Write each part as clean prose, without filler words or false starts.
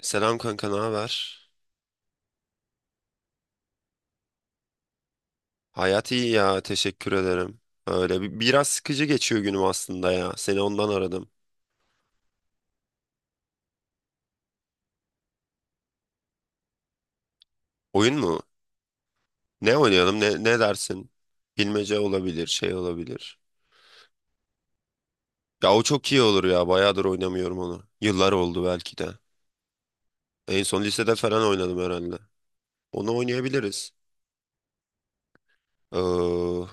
Selam kanka, ne haber? Hayat iyi ya, teşekkür ederim. Biraz sıkıcı geçiyor günüm aslında ya. Seni ondan aradım. Oyun mu? Ne oynayalım? Ne dersin? Bilmece olabilir, şey olabilir. Ya o çok iyi olur ya. Bayağıdır oynamıyorum onu. Yıllar oldu belki de. En son lisede falan oynadım herhalde. Onu oynayabiliriz. Ee,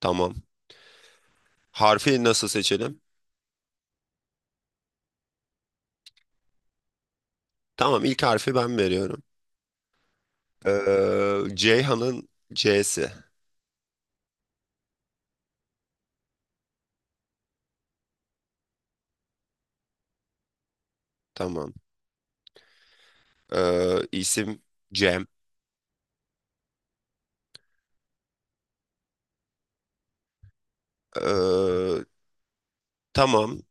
tamam. Harfi nasıl seçelim? Tamam, ilk harfi ben veriyorum. Ceyhan'ın C'si. Tamam. İsim Cem. Ee, tamam.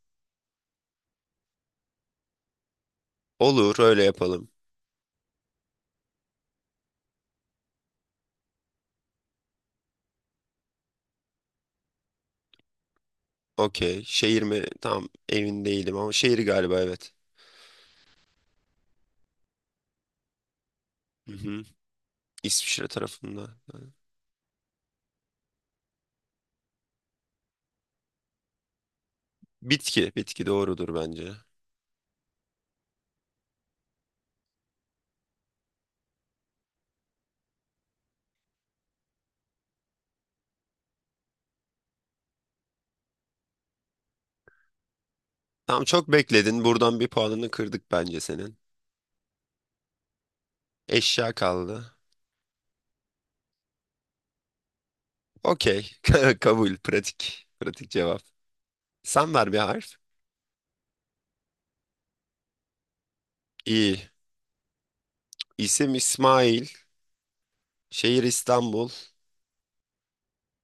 Olur öyle yapalım. Okey. Şehir mi? Tam emin değilim ama şehir galiba evet. Hı hı. İsviçre tarafında. Bitki. Bitki doğrudur bence. Tamam çok bekledin. Buradan bir puanını kırdık bence senin. Eşya kaldı. Okey. Kabul. Pratik. Pratik cevap. Sen ver bir harf. İyi. İsim İsmail. Şehir İstanbul.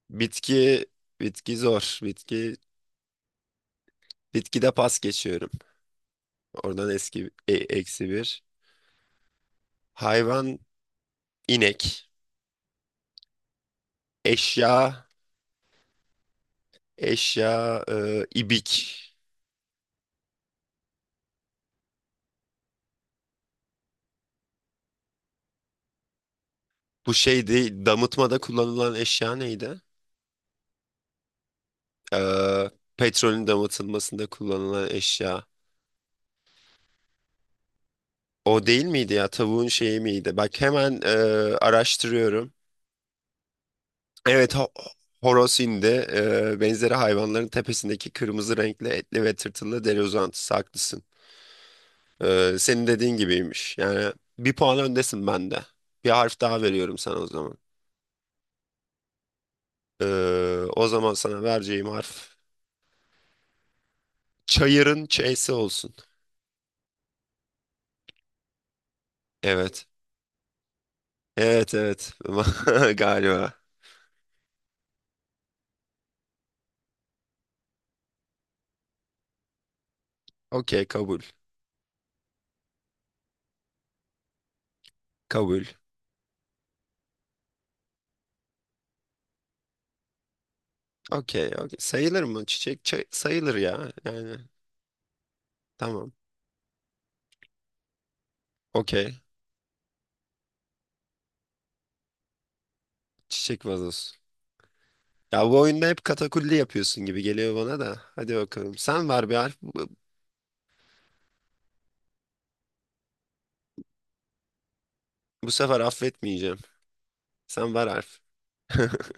Bitki. Bitki zor. Bitki. Bitkide pas geçiyorum. Oradan eksi bir. Hayvan inek. Eşya eşya ibik. Bu şeydi damıtmada kullanılan eşya neydi? E, Petrolün damıtılmasında kullanılan eşya. O değil miydi ya? Tavuğun şeyi miydi? Bak hemen araştırıyorum. Evet horoz hindi. Benzeri hayvanların tepesindeki kırmızı renkli etli ve tırtılı deri uzantısı. Haklısın. Senin dediğin gibiymiş. Yani bir puan öndesin bende. Bir harf daha veriyorum sana o zaman. Ee, O zaman sana vereceğim harf çayırın ç'si olsun. Evet. Evet evet. Galiba. Okey kabul. Kabul. Okey okey. Sayılır mı? Sayılır ya. Tamam. Okey. Çiçek vazosu. Ya bu oyunda hep katakulli yapıyorsun gibi geliyor bana da. Hadi bakalım. Sen ver bir harf. Bu sefer affetmeyeceğim. Sen ver harf.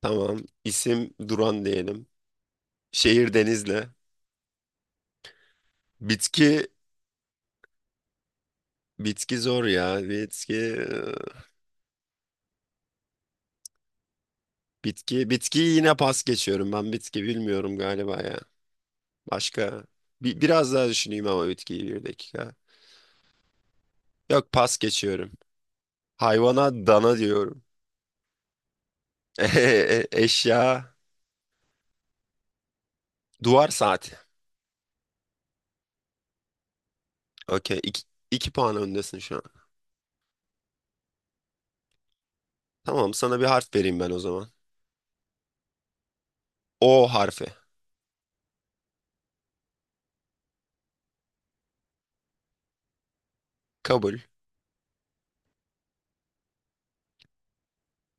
Tamam. İsim Duran diyelim. Şehir Denizli. Bitki. Bitki zor ya. Bitki. Bitkiyi yine pas geçiyorum. Ben bitki bilmiyorum galiba ya. Başka biraz daha düşüneyim ama bitkiyi bir dakika. Yok pas geçiyorum. Hayvana dana diyorum. Eşya duvar saati. Okey iki, iki puan öndesin şu an. Tamam sana bir harf vereyim ben o zaman. O harfi. Kabul.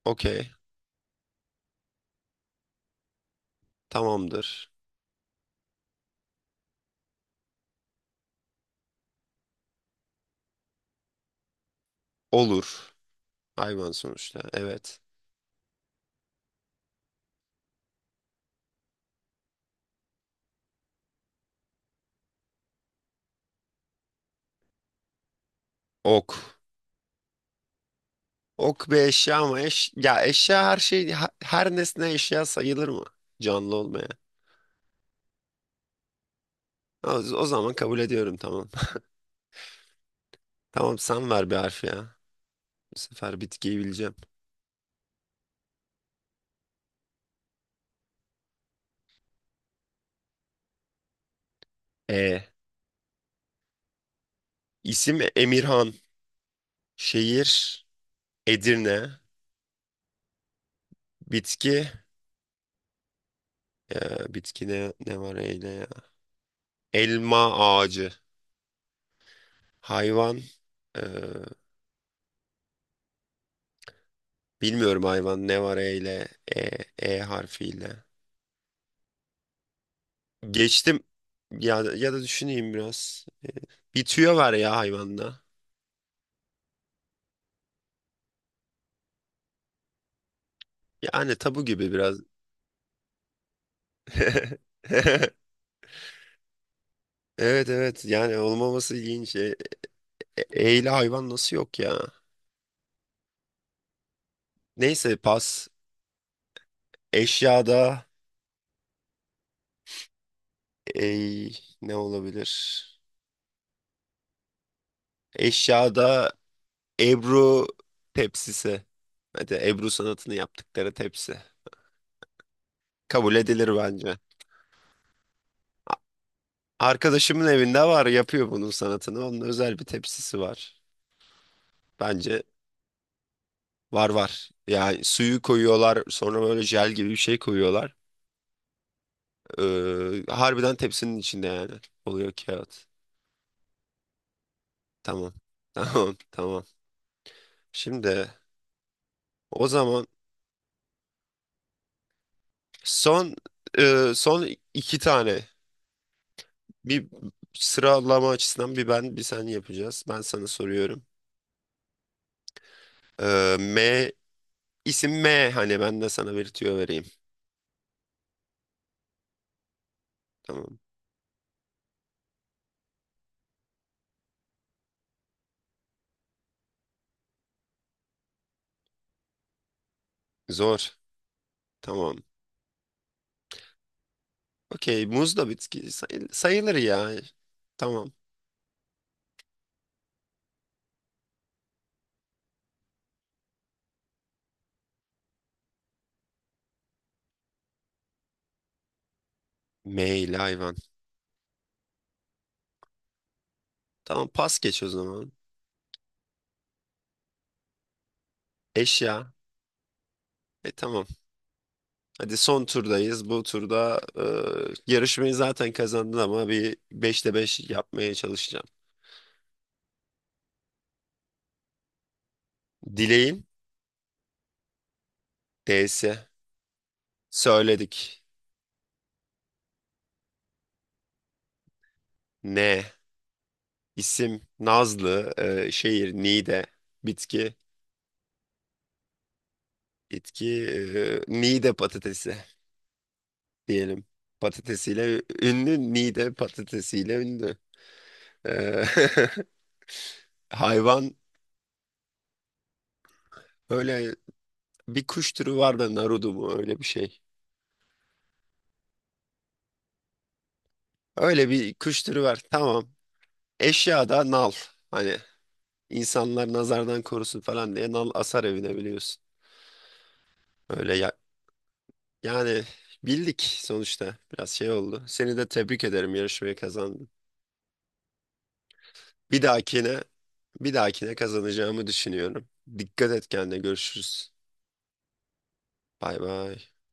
Okey. Tamamdır. Olur. Hayvan sonuçta. Evet. Ok. Ok bir eşya ama eş ya eşya her şey her nesne eşya sayılır mı? Canlı olmayan. O zaman kabul ediyorum tamam. Tamam sen ver bir harf ya. Bu sefer bitkiyi bileceğim. E. İsim Emirhan. Şehir Edirne. Bitki. Bitki ne var eyle ya? Elma ağacı. Hayvan. e, Bilmiyorum hayvan ne var eyle. E, E harfiyle. Geçtim. Ya da düşüneyim biraz. Bir tüyo var ya hayvanda. Yani tabu gibi biraz. Evet evet yani olmaması ilginç. Eyle hayvan nasıl yok ya? Neyse pas. Eşyada ey ne olabilir? Eşyada Ebru tepsisi. Hadi Ebru sanatını yaptıkları tepsi. Kabul edilir bence. A- Arkadaşımın evinde var yapıyor bunun sanatını. Onun özel bir tepsisi var. Bence var. Yani suyu koyuyorlar sonra böyle jel gibi bir şey koyuyorlar. Harbiden tepsinin içinde yani. Oluyor kağıt. Tamam. Tamam tamam. Şimdi O zaman son son iki tane bir sıralama açısından bir ben bir sen yapacağız. Ben sana soruyorum. M isim M hani ben de sana bir tüyo vereyim. Tamam. Zor. Tamam. Okey. Muz da bitki sayılır ya. Tamam. M ile hayvan. Tamam pas geç o zaman. Eşya. E tamam. Hadi son turdayız. Bu turda yarışmayı zaten kazandın ama bir beşte 5 yapmaya çalışacağım. Dileğin D'si. Söyledik. Ne? İsim Nazlı, şehir Niğde, bitki, bitki Niğde patatesi diyelim. Patatesiyle ünlü, Niğde patatesiyle ünlü. E, Hayvan öyle bir kuş türü var da narudu mu öyle bir şey. Öyle bir kuş türü var. Tamam. Eşya da nal. Hani insanlar nazardan korusun falan diye nal asar evine biliyorsun. Öyle yani bildik sonuçta. Biraz şey oldu. Seni de tebrik ederim yarışmayı kazandın. Bir dahakine, Bir dahakine kazanacağımı düşünüyorum. Dikkat et kendine. Görüşürüz. Bay bay.